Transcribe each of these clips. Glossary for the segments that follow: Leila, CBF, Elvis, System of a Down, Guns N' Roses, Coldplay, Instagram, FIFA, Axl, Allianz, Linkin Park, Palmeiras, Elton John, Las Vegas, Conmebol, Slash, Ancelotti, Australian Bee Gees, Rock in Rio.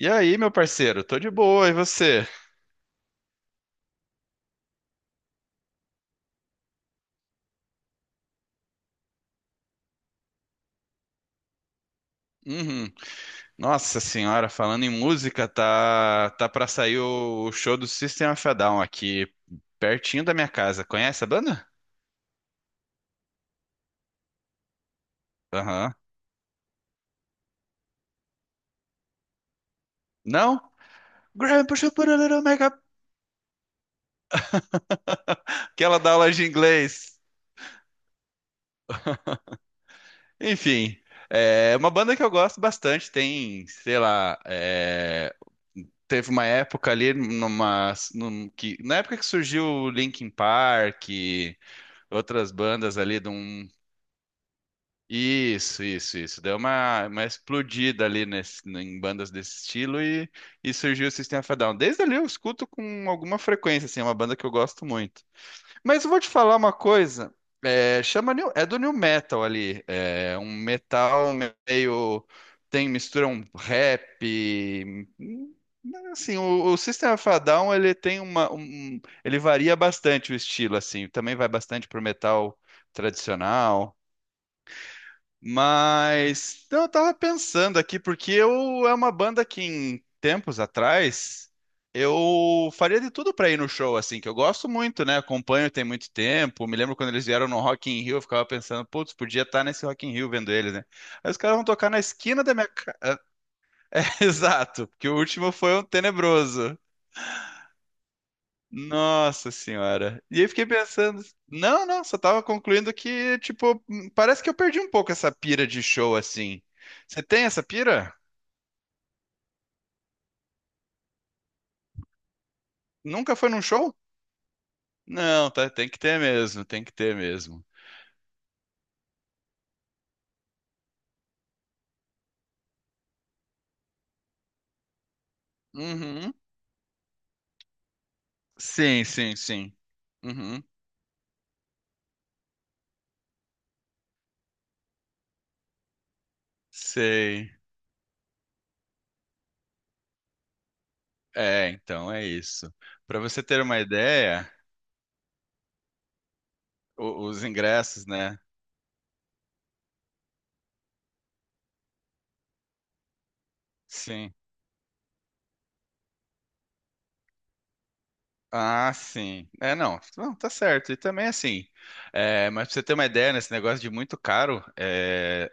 E aí, meu parceiro? Tô de boa, e você? Uhum. Nossa senhora, falando em música, tá para sair o show do System of a Down aqui pertinho da minha casa. Conhece a banda? Aham. Não? Grandpa should put a little makeup. Que ela dá aula de inglês. Enfim, é uma banda que eu gosto bastante. Tem, sei lá, teve uma época ali na época que surgiu o Linkin Park, outras bandas ali de um. Isso, isso, isso. Deu uma explodida ali em bandas desse estilo e surgiu o System of a Down. Desde ali eu escuto com alguma frequência, assim, é uma banda que eu gosto muito. Mas eu vou te falar uma coisa, é do new metal ali, é um metal meio, mistura um rap, hum, assim, o System of a Down, ele tem ele varia bastante o estilo, assim, também vai bastante pro metal tradicional. Mas então, eu tava pensando aqui, porque eu é uma banda que em tempos atrás eu faria de tudo pra ir no show, assim, que eu gosto muito, né? Acompanho tem muito tempo. Me lembro quando eles vieram no Rock in Rio, eu ficava pensando, putz, podia estar nesse Rock in Rio vendo eles, né? Aí os caras vão tocar na esquina da minha casa. Exato, porque o último foi um tenebroso. Nossa senhora. E aí fiquei pensando, não, não, só tava concluindo que, tipo, parece que eu perdi um pouco essa pira de show assim. Você tem essa pira? Nunca foi num show? Não, tá, tem que ter mesmo, tem que ter mesmo. Uhum. Sim, sim, sim. Uhum. Sei. É, então é isso. Pra você ter uma ideia, os ingressos, né? Sim. Ah, sim. É, não. Não, tá certo. E também assim, mas pra você ter uma ideia, nesse negócio de muito caro,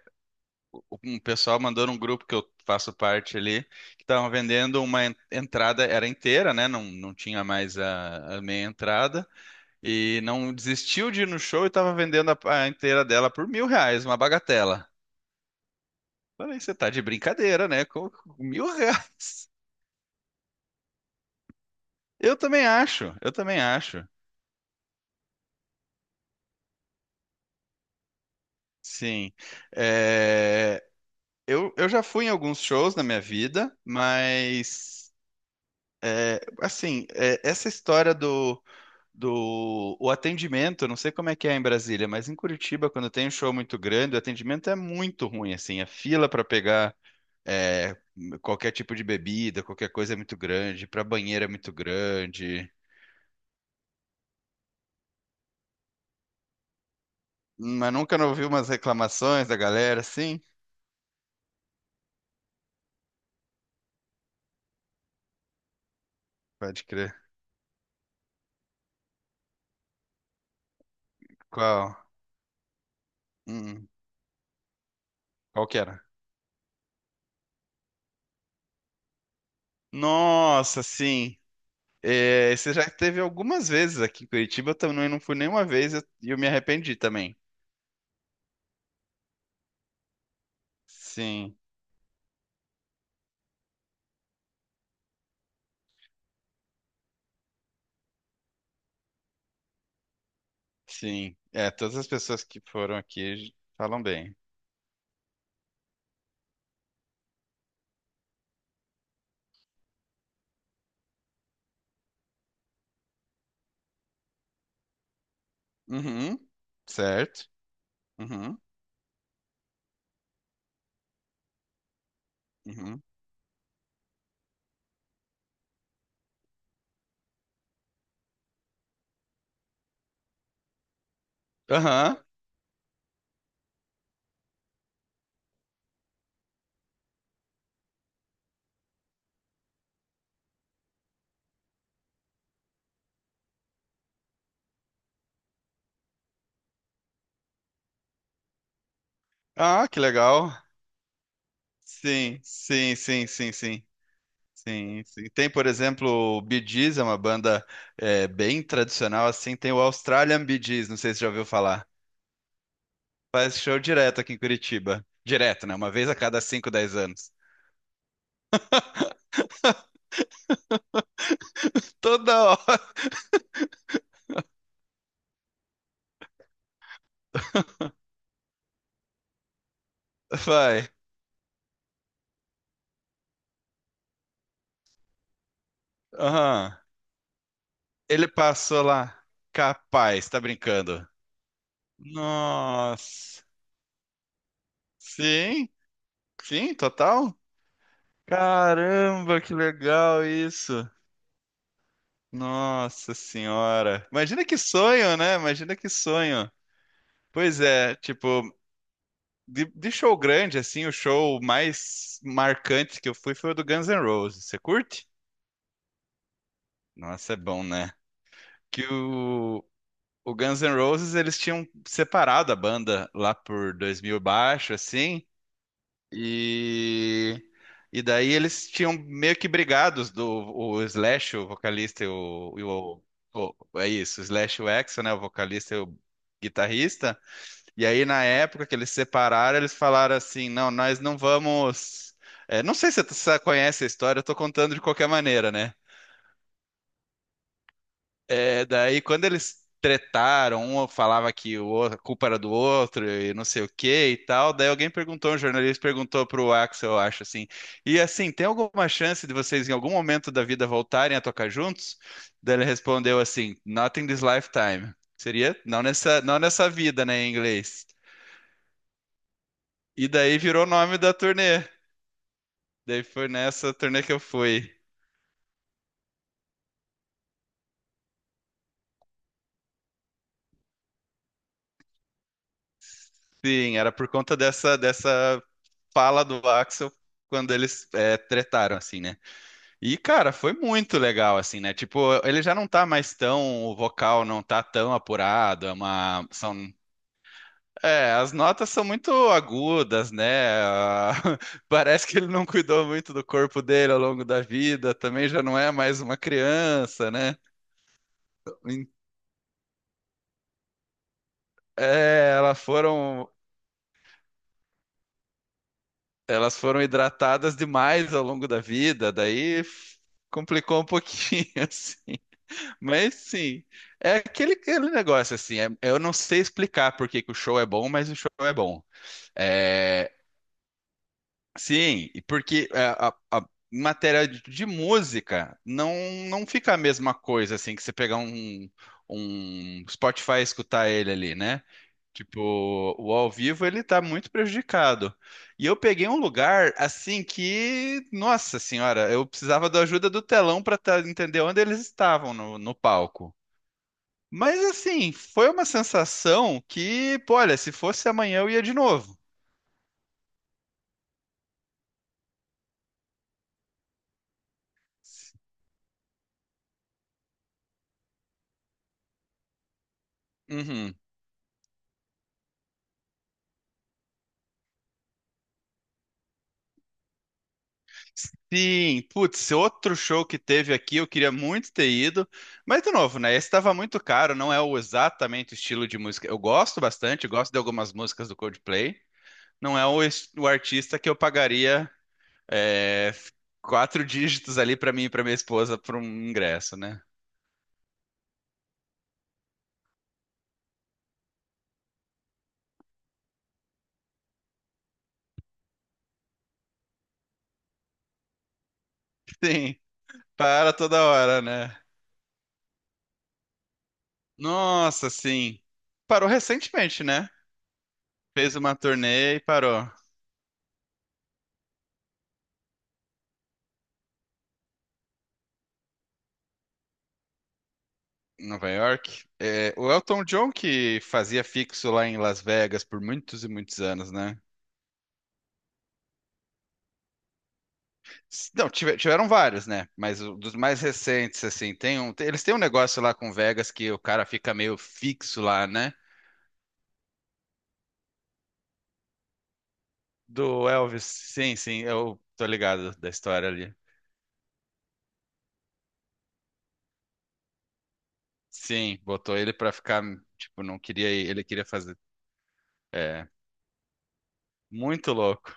um pessoal mandou num grupo que eu faço parte ali, que estavam vendendo uma entrada, era inteira, né? Não, não tinha mais a meia entrada, e não desistiu de ir no show e tava vendendo a inteira dela por 1.000 reais, uma bagatela. Falei, você tá de brincadeira, né? Com 1.000 reais. Eu também acho, eu também acho. Sim. É, eu já fui em alguns shows na minha vida, mas assim, essa história do, do o atendimento, eu não sei como é que é em Brasília, mas em Curitiba, quando tem um show muito grande, o atendimento é muito ruim, assim, a fila para pegar é, qualquer tipo de bebida, qualquer coisa é muito grande, para banheiro é muito grande. Mas nunca não ouvi umas reclamações da galera, assim? Pode crer. Qual? Hum, qual que era? Nossa, sim. É, você já teve algumas vezes aqui em Curitiba, eu também não fui nenhuma vez e eu me arrependi também. Sim, sim. É, todas as pessoas que foram aqui falam bem. Uhum, certo. Uhum, uhum. Aham. Ah, que legal. Sim, sim, sim, sim, sim. Sim, sim. Tem, por exemplo, o Bee Gees, é uma banda bem tradicional, assim. Tem o Australian Bee Gees, não sei se você já ouviu falar. Faz show direto aqui em Curitiba. Direto, né? Uma vez a cada 5, 10 anos. Toda hora, vai. Aham. Ele passou lá. Capaz, tá brincando. Nossa. Sim, sim, total. Caramba, que legal isso. Nossa senhora. Imagina que sonho, né? Imagina que sonho. Pois é, tipo, de show grande, assim, o show mais marcante que eu fui foi o do Guns N' Roses. Você curte? Nossa, é bom, né? Que o Guns N' Roses eles tinham separado a banda lá por 2000 baixo, assim, e e daí eles tinham meio que brigados do o Slash, o vocalista o- é isso, o Slash e o Axl, né, o vocalista e o guitarrista. E aí na época que eles separaram, eles falaram assim, não, nós não vamos não sei se você conhece a história, eu tô contando de qualquer maneira, né? É, daí quando eles tretaram, um falava que a culpa era do outro e não sei o que e tal, daí alguém perguntou, um jornalista perguntou pro Axel, eu acho assim, e assim, tem alguma chance de vocês em algum momento da vida voltarem a tocar juntos? Daí ele respondeu assim, not in this lifetime. Seria não nessa vida, né, em inglês. E daí virou o nome da turnê. Daí foi nessa turnê que eu fui. Sim, era por conta dessa fala do Axel quando eles tretaram, assim, né? E, cara, foi muito legal, assim, né? Tipo, ele já não tá mais tão, o vocal não tá tão apurado, as notas são muito agudas, né? Ah, Parece que ele não cuidou muito do corpo dele ao longo da vida, também já não é mais uma criança, né? Em- É, elas foram, elas foram hidratadas demais ao longo da vida, daí complicou um pouquinho, assim. Mas sim, é aquele negócio assim. Eu não sei explicar por que que o show é bom, mas o show é bom. É, sim, e porque é, a- em matéria de música não fica a mesma coisa assim que você pegar um Spotify e escutar ele ali, né? Tipo, o ao vivo ele tá muito prejudicado. E eu peguei um lugar assim que, nossa senhora, eu precisava da ajuda do telão para entender onde eles estavam no palco. Mas assim, foi uma sensação que, pô, olha, se fosse amanhã eu ia de novo. Uhum. Sim, putz, outro show que teve aqui, eu queria muito ter ido, mas de novo, né? Esse estava muito caro, não é o exatamente o estilo de música. Eu gosto bastante, gosto de algumas músicas do Coldplay. Não é o artista que eu pagaria é, quatro dígitos ali para mim e para minha esposa por um ingresso, né? Sim, para toda hora, né? Nossa, sim. Parou recentemente, né? Fez uma turnê e parou. Em Nova York. É, o Elton John que fazia fixo lá em Las Vegas por muitos e muitos anos, né? Não, tiveram vários, né? Mas dos mais recentes, assim, eles têm um negócio lá com Vegas que o cara fica meio fixo lá, né? Do Elvis, sim, sim, eu tô ligado da história ali. Sim, botou ele pra ficar, tipo, não queria ir, ele queria fazer. É, muito louco.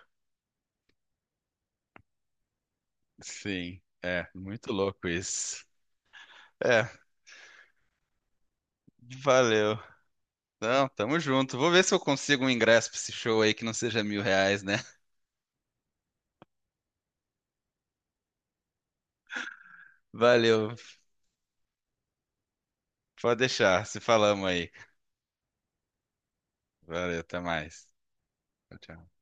Sim, é muito louco isso. É, valeu. Então, tamo junto. Vou ver se eu consigo um ingresso pra esse show aí que não seja 1.000 reais, né? Valeu. Pode deixar. Se falamos aí. Valeu, até mais. Tchau, tchau.